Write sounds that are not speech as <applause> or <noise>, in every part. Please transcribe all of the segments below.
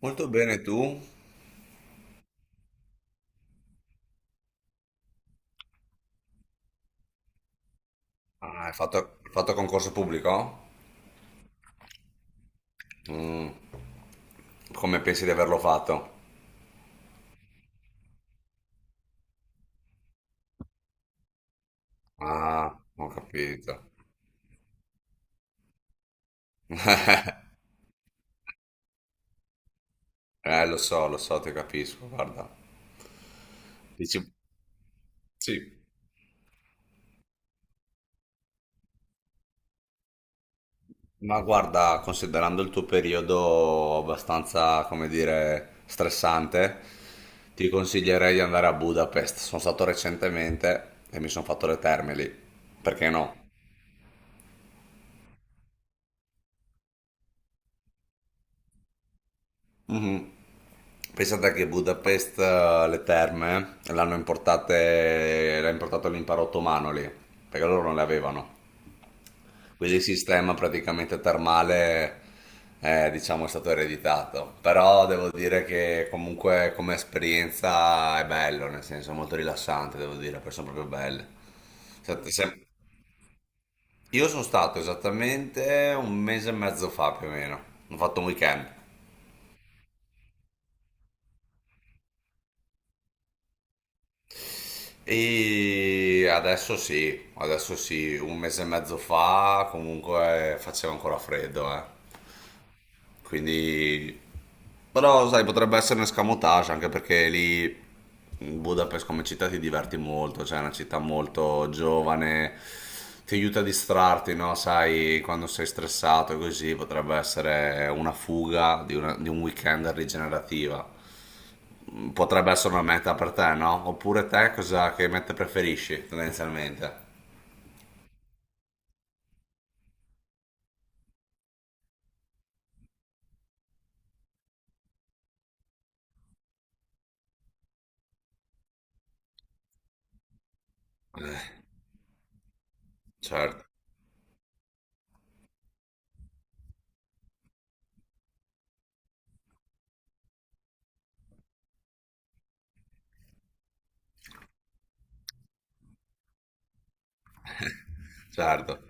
Molto bene tu. Ah, hai fatto concorso pubblico? Mm, come pensi di averlo fatto? Ah, ho capito. <laughs> Lo so, ti capisco, guarda. Dici, sì. Ma guarda, considerando il tuo periodo abbastanza, come dire, stressante, ti consiglierei di andare a Budapest. Sono stato recentemente e mi sono fatto le terme lì. Perché no? Mhm. Pensate che Budapest, le terme, l'hanno importate, l'ha importato l'impero ottomano lì, perché loro non le avevano. Quindi il sistema praticamente termale, diciamo, è stato ereditato. Però devo dire che comunque come esperienza è bello, nel senso è molto rilassante, devo dire, perché sono proprio belle. Sette- se- Io sono stato esattamente un mese e mezzo fa più o meno, ho fatto un weekend. E adesso sì, un mese e mezzo fa comunque faceva ancora freddo, eh. Quindi, però sai, potrebbe essere un escamotage anche perché lì Budapest come città ti diverti molto, cioè è una città molto giovane, ti aiuta a distrarti, no? Sai, quando sei stressato e così potrebbe essere una fuga di, una- di un weekend rigenerativa, potrebbe essere una meta per te, no? Oppure te cosa che meta preferisci tendenzialmente? Certo, certo.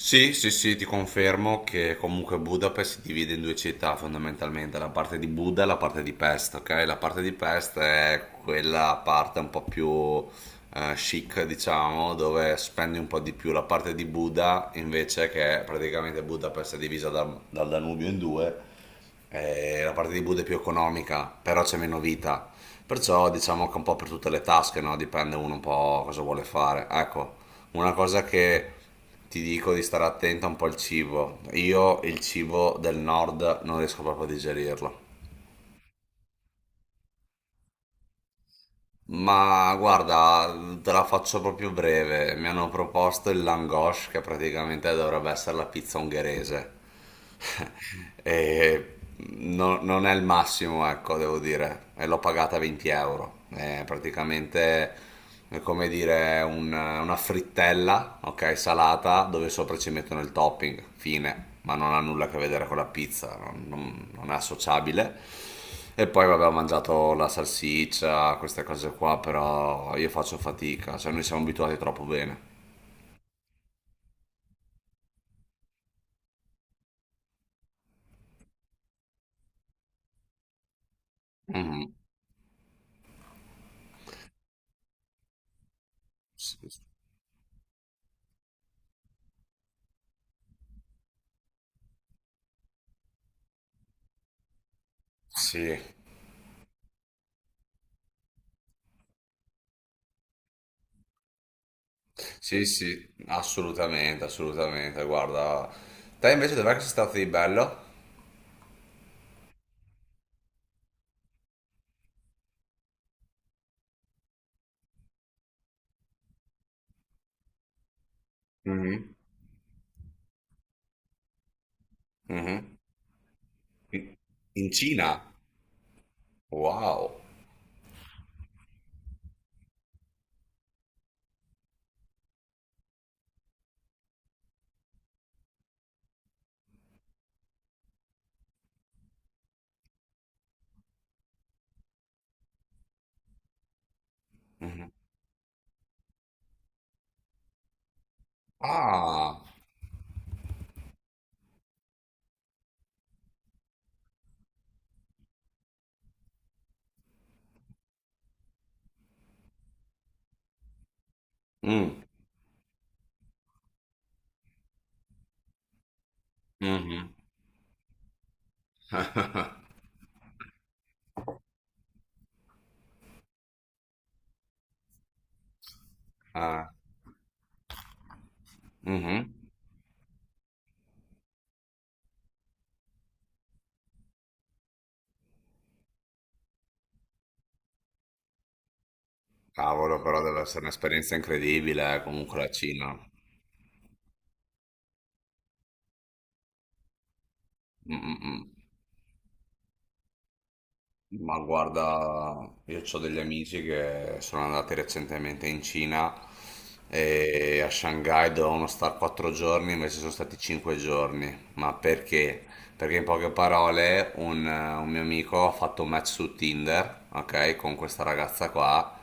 Sì, sì, sì, ti confermo che comunque Budapest si divide in due città fondamentalmente, la parte di Buda e la parte di Pest, ok? La parte di Pest è quella parte un po' più chic, diciamo, dove spendi un po' di più. La parte di Buda invece che praticamente Budapest è divisa dal Danubio in due. La parte di Buda è più economica, però c'è meno vita. Perciò diciamo che un po' per tutte le tasche, no? Dipende uno un po' cosa vuole fare. Ecco, una cosa che ti dico di stare attento è un po' il cibo. Io il cibo del nord non riesco proprio a digerirlo. Ma guarda, te la faccio proprio breve. Mi hanno proposto il langosce, che praticamente dovrebbe essere la pizza ungherese. E non è il massimo, ecco, devo dire. E l'ho pagata 20 euro. È praticamente è come dire una frittella, ok, salata, dove sopra ci mettono il topping. Fine. Ma non ha nulla a che vedere con la pizza, non è associabile. E poi vabbè, ho mangiato la salsiccia, queste cose qua, però io faccio fatica, cioè noi siamo abituati troppo bene. Mhm. Sì. Sì. Sì, sì, assolutamente, assolutamente. Guarda, te invece dov'è che sei stato di bello? Mhm, mhm. In in Cina? Wow. Mhm. Ah, mm, mhm. <laughs> Ah, mhm. Cavolo, però deve essere un'esperienza incredibile, comunque la Cina. Mm, mm, mm. Ma guarda, io ho degli amici che sono andati recentemente in Cina e a Shanghai dovevano stare quattro giorni, invece sono stati cinque giorni. Ma perché? Perché in poche parole un mio amico ha fatto un match su Tinder, ok, con questa ragazza qua,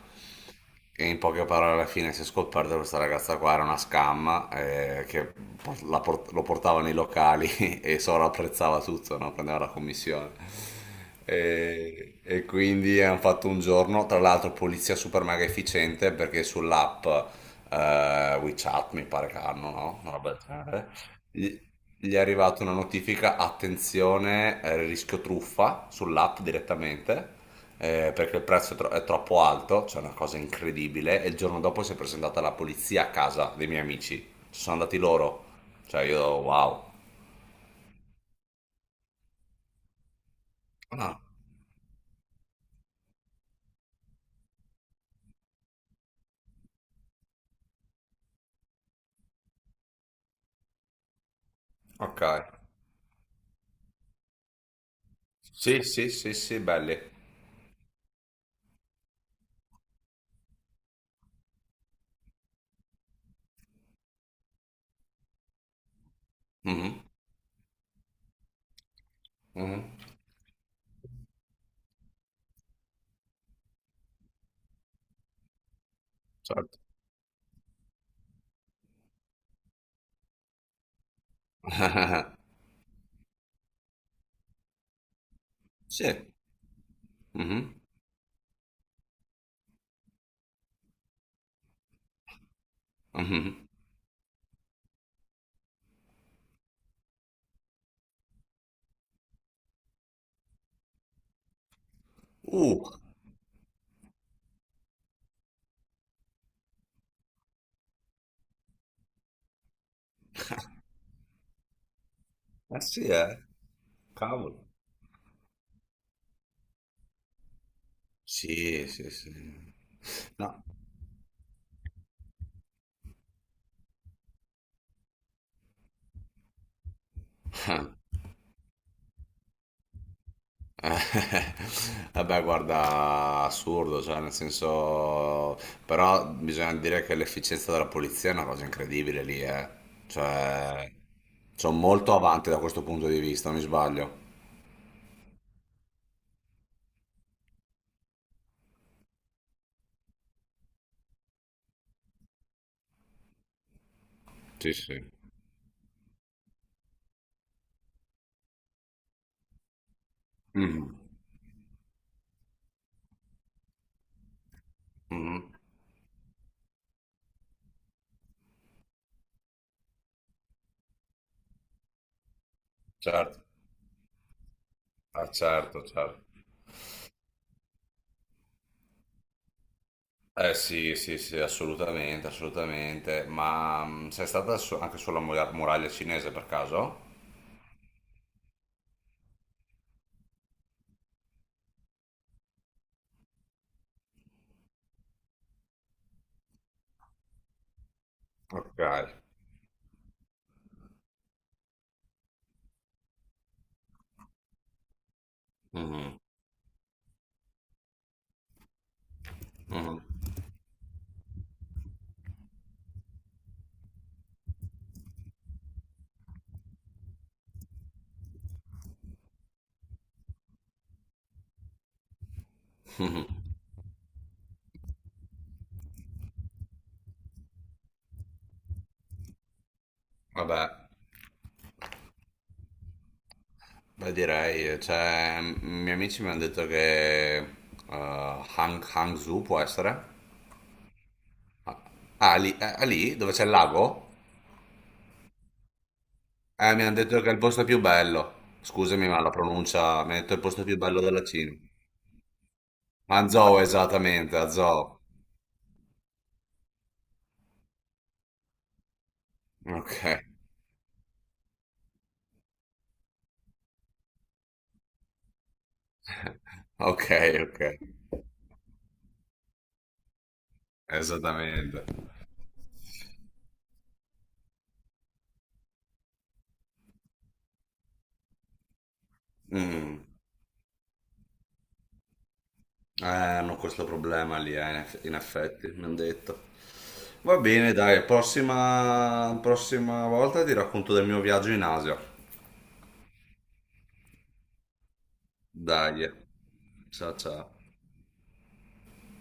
e in poche parole alla fine si è scoperto che questa ragazza qua era una scam, che lo portava nei locali <laughs> e sovrapprezzava tutto, no? Prendeva la commissione. E quindi hanno fatto un giorno, tra l'altro polizia super mega efficiente perché sull'app WeChat mi pare che hanno, no? Una roba del genere. Gli gli è arrivata una notifica, attenzione, rischio truffa sull'app direttamente, perché il prezzo è, è troppo alto, c'è cioè una cosa incredibile, e il giorno dopo si è presentata la polizia a casa dei miei amici, ci sono andati loro, cioè io, wow. Ah, ok, sì, sì, sì, sì, belli. Mhm, mhm. Certo. <laughs> Sì. Mhm, mhm. Uh, eh sì, eh. Cavolo. Sì, sì, sì. No. Eh, <laughs> vabbè, guarda, assurdo, cioè, nel senso, però bisogna dire che l'efficienza della polizia è una cosa incredibile lì, eh. Cioè, sono molto avanti da questo punto di vista, mi sbaglio. Sì, sì. Mhm, mhm. Certo. Ah, certo, certo. Eh sì, sì, sì, assolutamente, assolutamente. Ma sei stata anche sulla muraglia cinese per caso? Ok. Mhm, mhm. Vabbè. Beh, direi, cioè, i miei amici mi hanno detto che Hangzhou può essere? Ah, lì, lì, dove c'è il lago? Mi hanno detto che è il posto più bello. Scusami, ma la pronuncia, mi hanno detto è il posto più bello della Cina. Hangzhou, esattamente, Hangzhou. Ok, ok, ok, esattamente. Mm. Hanno questo problema lì, in effetti, mi hanno detto. Va bene, dai, prossima volta ti racconto del mio viaggio in Asia. Dai, eh. Ciao ciao.